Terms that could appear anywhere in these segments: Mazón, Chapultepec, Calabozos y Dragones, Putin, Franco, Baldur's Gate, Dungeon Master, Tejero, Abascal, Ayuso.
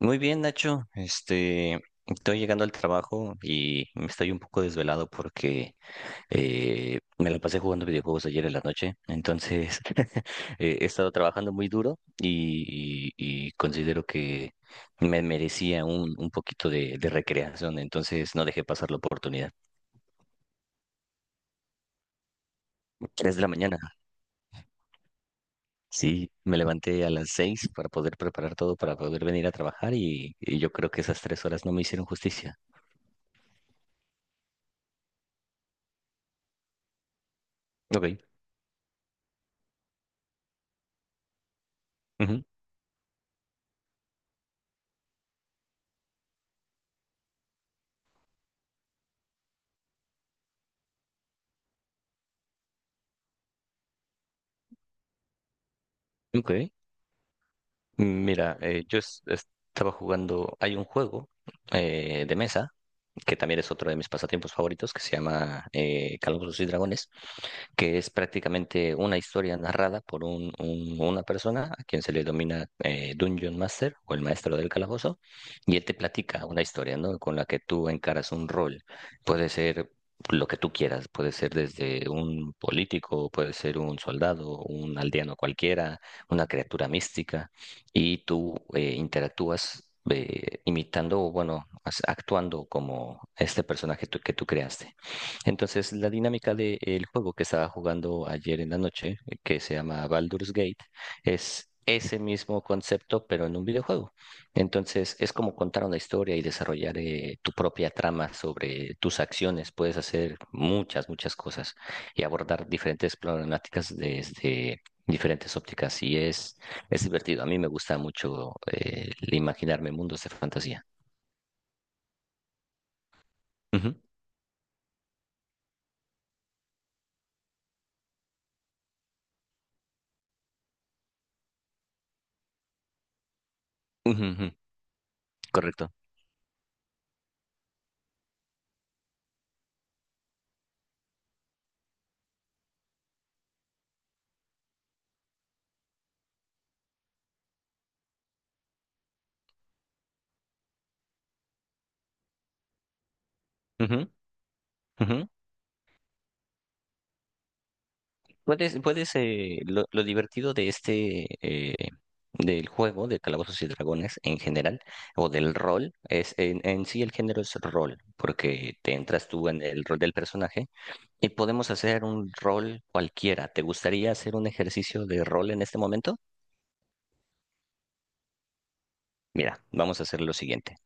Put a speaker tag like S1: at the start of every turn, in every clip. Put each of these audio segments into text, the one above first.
S1: Muy bien, Nacho. Estoy llegando al trabajo y me estoy un poco desvelado porque me la pasé jugando videojuegos ayer en la noche. Entonces, he estado trabajando muy duro y considero que me merecía un poquito de recreación. Entonces, no dejé pasar la oportunidad. 3 de la mañana. Sí, me levanté a las 6 para poder preparar todo para poder venir a trabajar y yo creo que esas 3 horas no me hicieron justicia. Ok. Ujú. Ok. Mira, yo estaba jugando, hay un juego de mesa, que también es otro de mis pasatiempos favoritos, que se llama Calabozos y Dragones, que es prácticamente una historia narrada por una persona a quien se le denomina Dungeon Master o el maestro del calabozo, y él te platica una historia, ¿no? Con la que tú encaras un rol. Puede ser lo que tú quieras, puede ser desde un político, puede ser un soldado, un aldeano cualquiera, una criatura mística, y tú interactúas, imitando o bueno, actuando como este personaje que tú creaste. Entonces, la dinámica del juego que estaba jugando ayer en la noche, que se llama Baldur's Gate, es ese mismo concepto, pero en un videojuego. Entonces, es como contar una historia y desarrollar tu propia trama sobre tus acciones. Puedes hacer muchas, muchas cosas y abordar diferentes problemáticas desde diferentes ópticas. Y es divertido. A mí me gusta mucho el imaginarme mundos de fantasía. Ujú, ujú, ujú. Correcto. Ujú, ujú. ¿Cuál es lo divertido del juego de Calabozos y Dragones en general, o del rol? Es, en sí el género es rol, porque te entras tú en el rol del personaje y podemos hacer un rol cualquiera. ¿Te gustaría hacer un ejercicio de rol en este momento? Mira, vamos a hacer lo siguiente.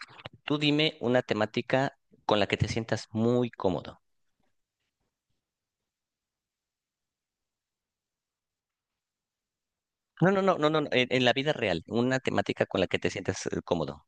S1: Tú dime una temática con la que te sientas muy cómodo. No, no, no, no, no, no, en la vida real, una temática con la que te sientas cómodo.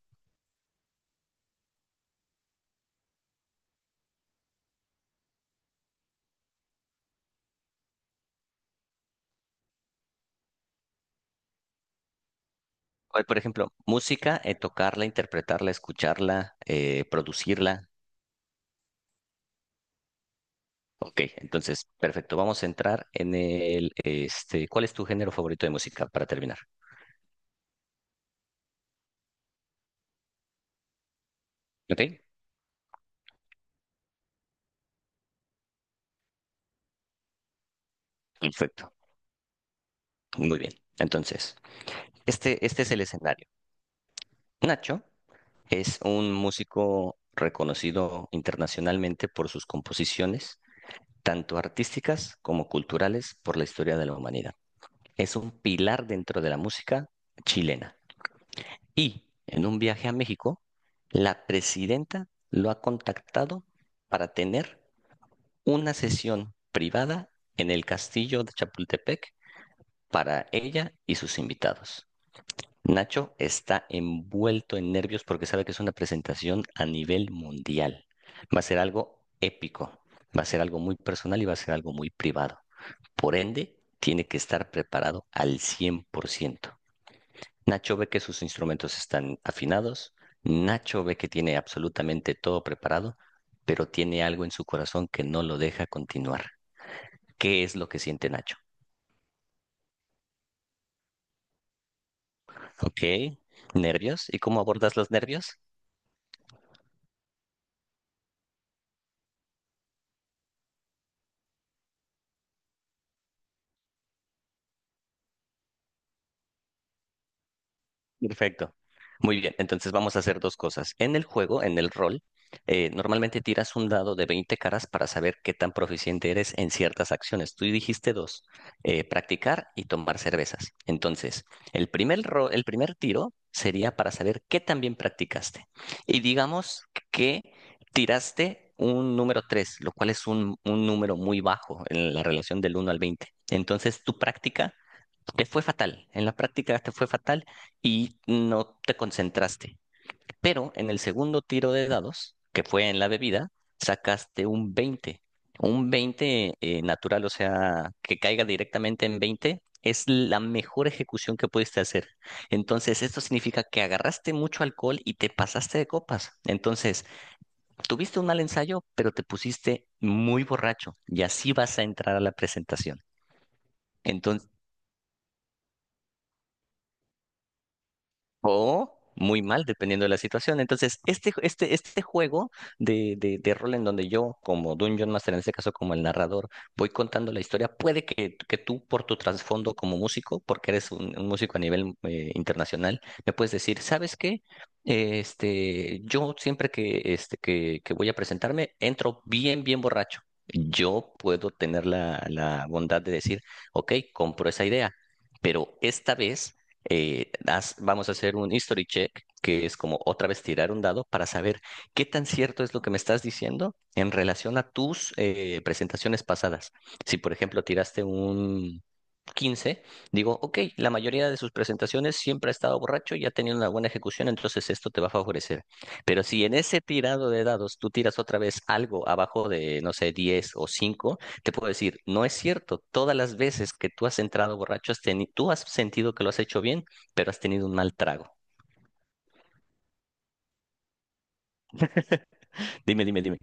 S1: Hoy, por ejemplo, música, tocarla, interpretarla, escucharla, producirla. Ok, entonces, perfecto. Vamos a entrar ¿cuál es tu género favorito de música para terminar? Ok, perfecto. Muy bien. Entonces, este es el escenario. Nacho es un músico reconocido internacionalmente por sus composiciones, tanto artísticas como culturales, por la historia de la humanidad. Es un pilar dentro de la música chilena. Y en un viaje a México, la presidenta lo ha contactado para tener una sesión privada en el castillo de Chapultepec para ella y sus invitados. Nacho está envuelto en nervios porque sabe que es una presentación a nivel mundial. Va a ser algo épico, va a ser algo muy personal y va a ser algo muy privado. Por ende, tiene que estar preparado al 100%. Nacho ve que sus instrumentos están afinados, Nacho ve que tiene absolutamente todo preparado, pero tiene algo en su corazón que no lo deja continuar. ¿Qué es lo que siente Nacho? Ok, nervios. ¿Y cómo abordas los nervios? Perfecto. Muy bien, entonces vamos a hacer dos cosas. En el juego, en el rol, normalmente tiras un dado de 20 caras para saber qué tan proficiente eres en ciertas acciones. Tú dijiste dos, practicar y tomar cervezas. Entonces, el primer tiro sería para saber qué tan bien practicaste. Y digamos que tiraste un número 3, lo cual es un número muy bajo en la relación del 1 al 20. Entonces, tu práctica te fue fatal, en la práctica te fue fatal y no te concentraste. Pero en el segundo tiro de dados, que fue en la bebida, sacaste un 20. Un 20, natural, o sea, que caiga directamente en 20 es la mejor ejecución que pudiste hacer. Entonces, esto significa que agarraste mucho alcohol y te pasaste de copas. Entonces, tuviste un mal ensayo, pero te pusiste muy borracho y así vas a entrar a la presentación. Entonces, o muy mal, dependiendo de la situación. Entonces, este juego de rol en donde yo, como Dungeon Master, en este caso como el narrador, voy contando la historia, puede que tú, por tu trasfondo como músico, porque eres un músico a nivel internacional, me puedes decir, ¿sabes qué? Yo siempre que voy a presentarme, entro bien, bien borracho. Yo puedo tener la bondad de decir, ok, compro esa idea. Pero esta vez vamos a hacer un history check, que es como otra vez tirar un dado para saber qué tan cierto es lo que me estás diciendo en relación a tus presentaciones pasadas. Si, por ejemplo, tiraste un 15, digo, ok, la mayoría de sus presentaciones siempre ha estado borracho y ha tenido una buena ejecución, entonces esto te va a favorecer. Pero si en ese tirado de dados tú tiras otra vez algo abajo de, no sé, 10 o 5, te puedo decir, no es cierto, todas las veces que tú has entrado borracho, tú has sentido que lo has hecho bien, pero has tenido un mal trago. Dime, dime, dime.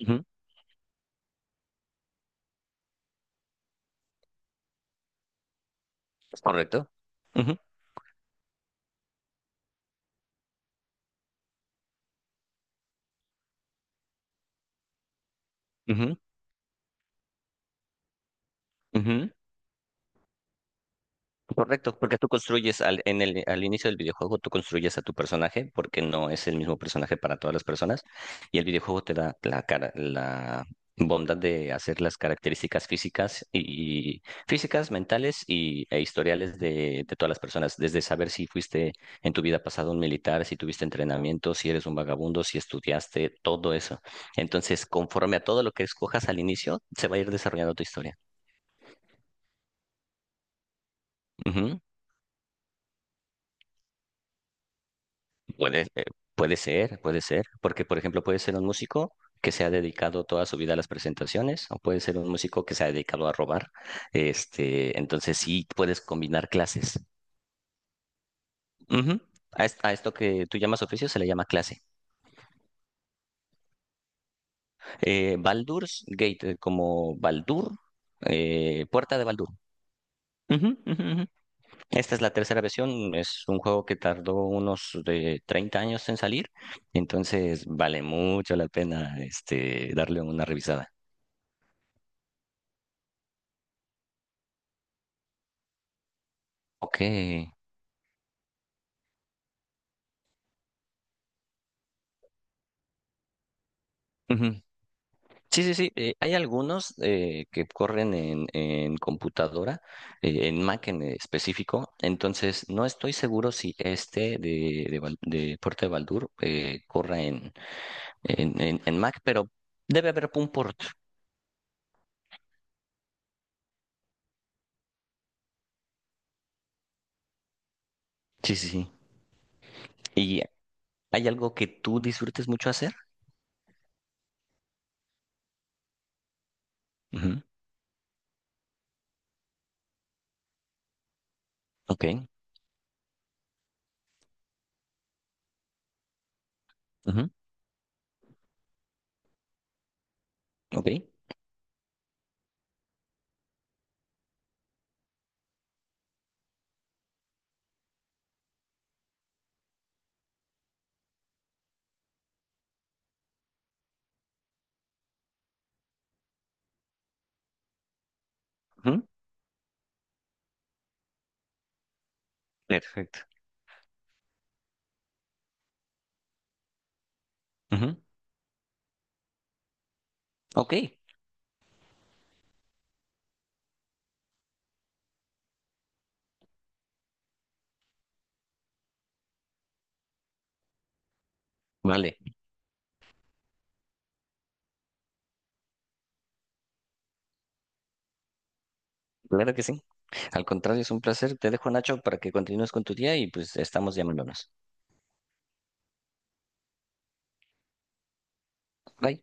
S1: Ujú. ¿Correcto? Ujú, ujú, ujú. Correcto, porque tú construyes al inicio del videojuego, tú construyes a tu personaje, porque no es el mismo personaje para todas las personas, y el videojuego te da la cara, la bondad de hacer las características físicas físicas, mentales y e historiales de todas las personas, desde saber si fuiste en tu vida pasada un militar, si tuviste entrenamiento, si eres un vagabundo, si estudiaste, todo eso. Entonces, conforme a todo lo que escojas al inicio, se va a ir desarrollando tu historia. Puede, eh, puede ser, porque por ejemplo puede ser un músico que se ha dedicado toda su vida a las presentaciones o puede ser un músico que se ha dedicado a robar. Este, entonces sí puedes combinar clases. Ujú. A esto que tú llamas oficio se le llama clase. Baldur's Gate, como Baldur, Puerta de Baldur. Ujú, ujú, ujú. Esta es la tercera versión, es un juego que tardó unos de 30 años en salir, entonces vale mucho la pena este, darle una revisada. Ok. Ujú. Sí, sí, sí. Hay algunos que corren en computadora, en Mac en específico. Entonces, no estoy seguro si este de Puerto de Baldur corra en Mac, pero debe haber un port. Sí, sí, sí. ¿Y hay algo que tú disfrutes mucho hacer? Ujú. Ok. Ujú. Ok. Ujú. Perfecto. Ujú. Ok. Vale. Claro que sí. Al contrario, es un placer. Te dejo, Nacho, para que continúes con tu día y pues estamos llamándonos. Bye.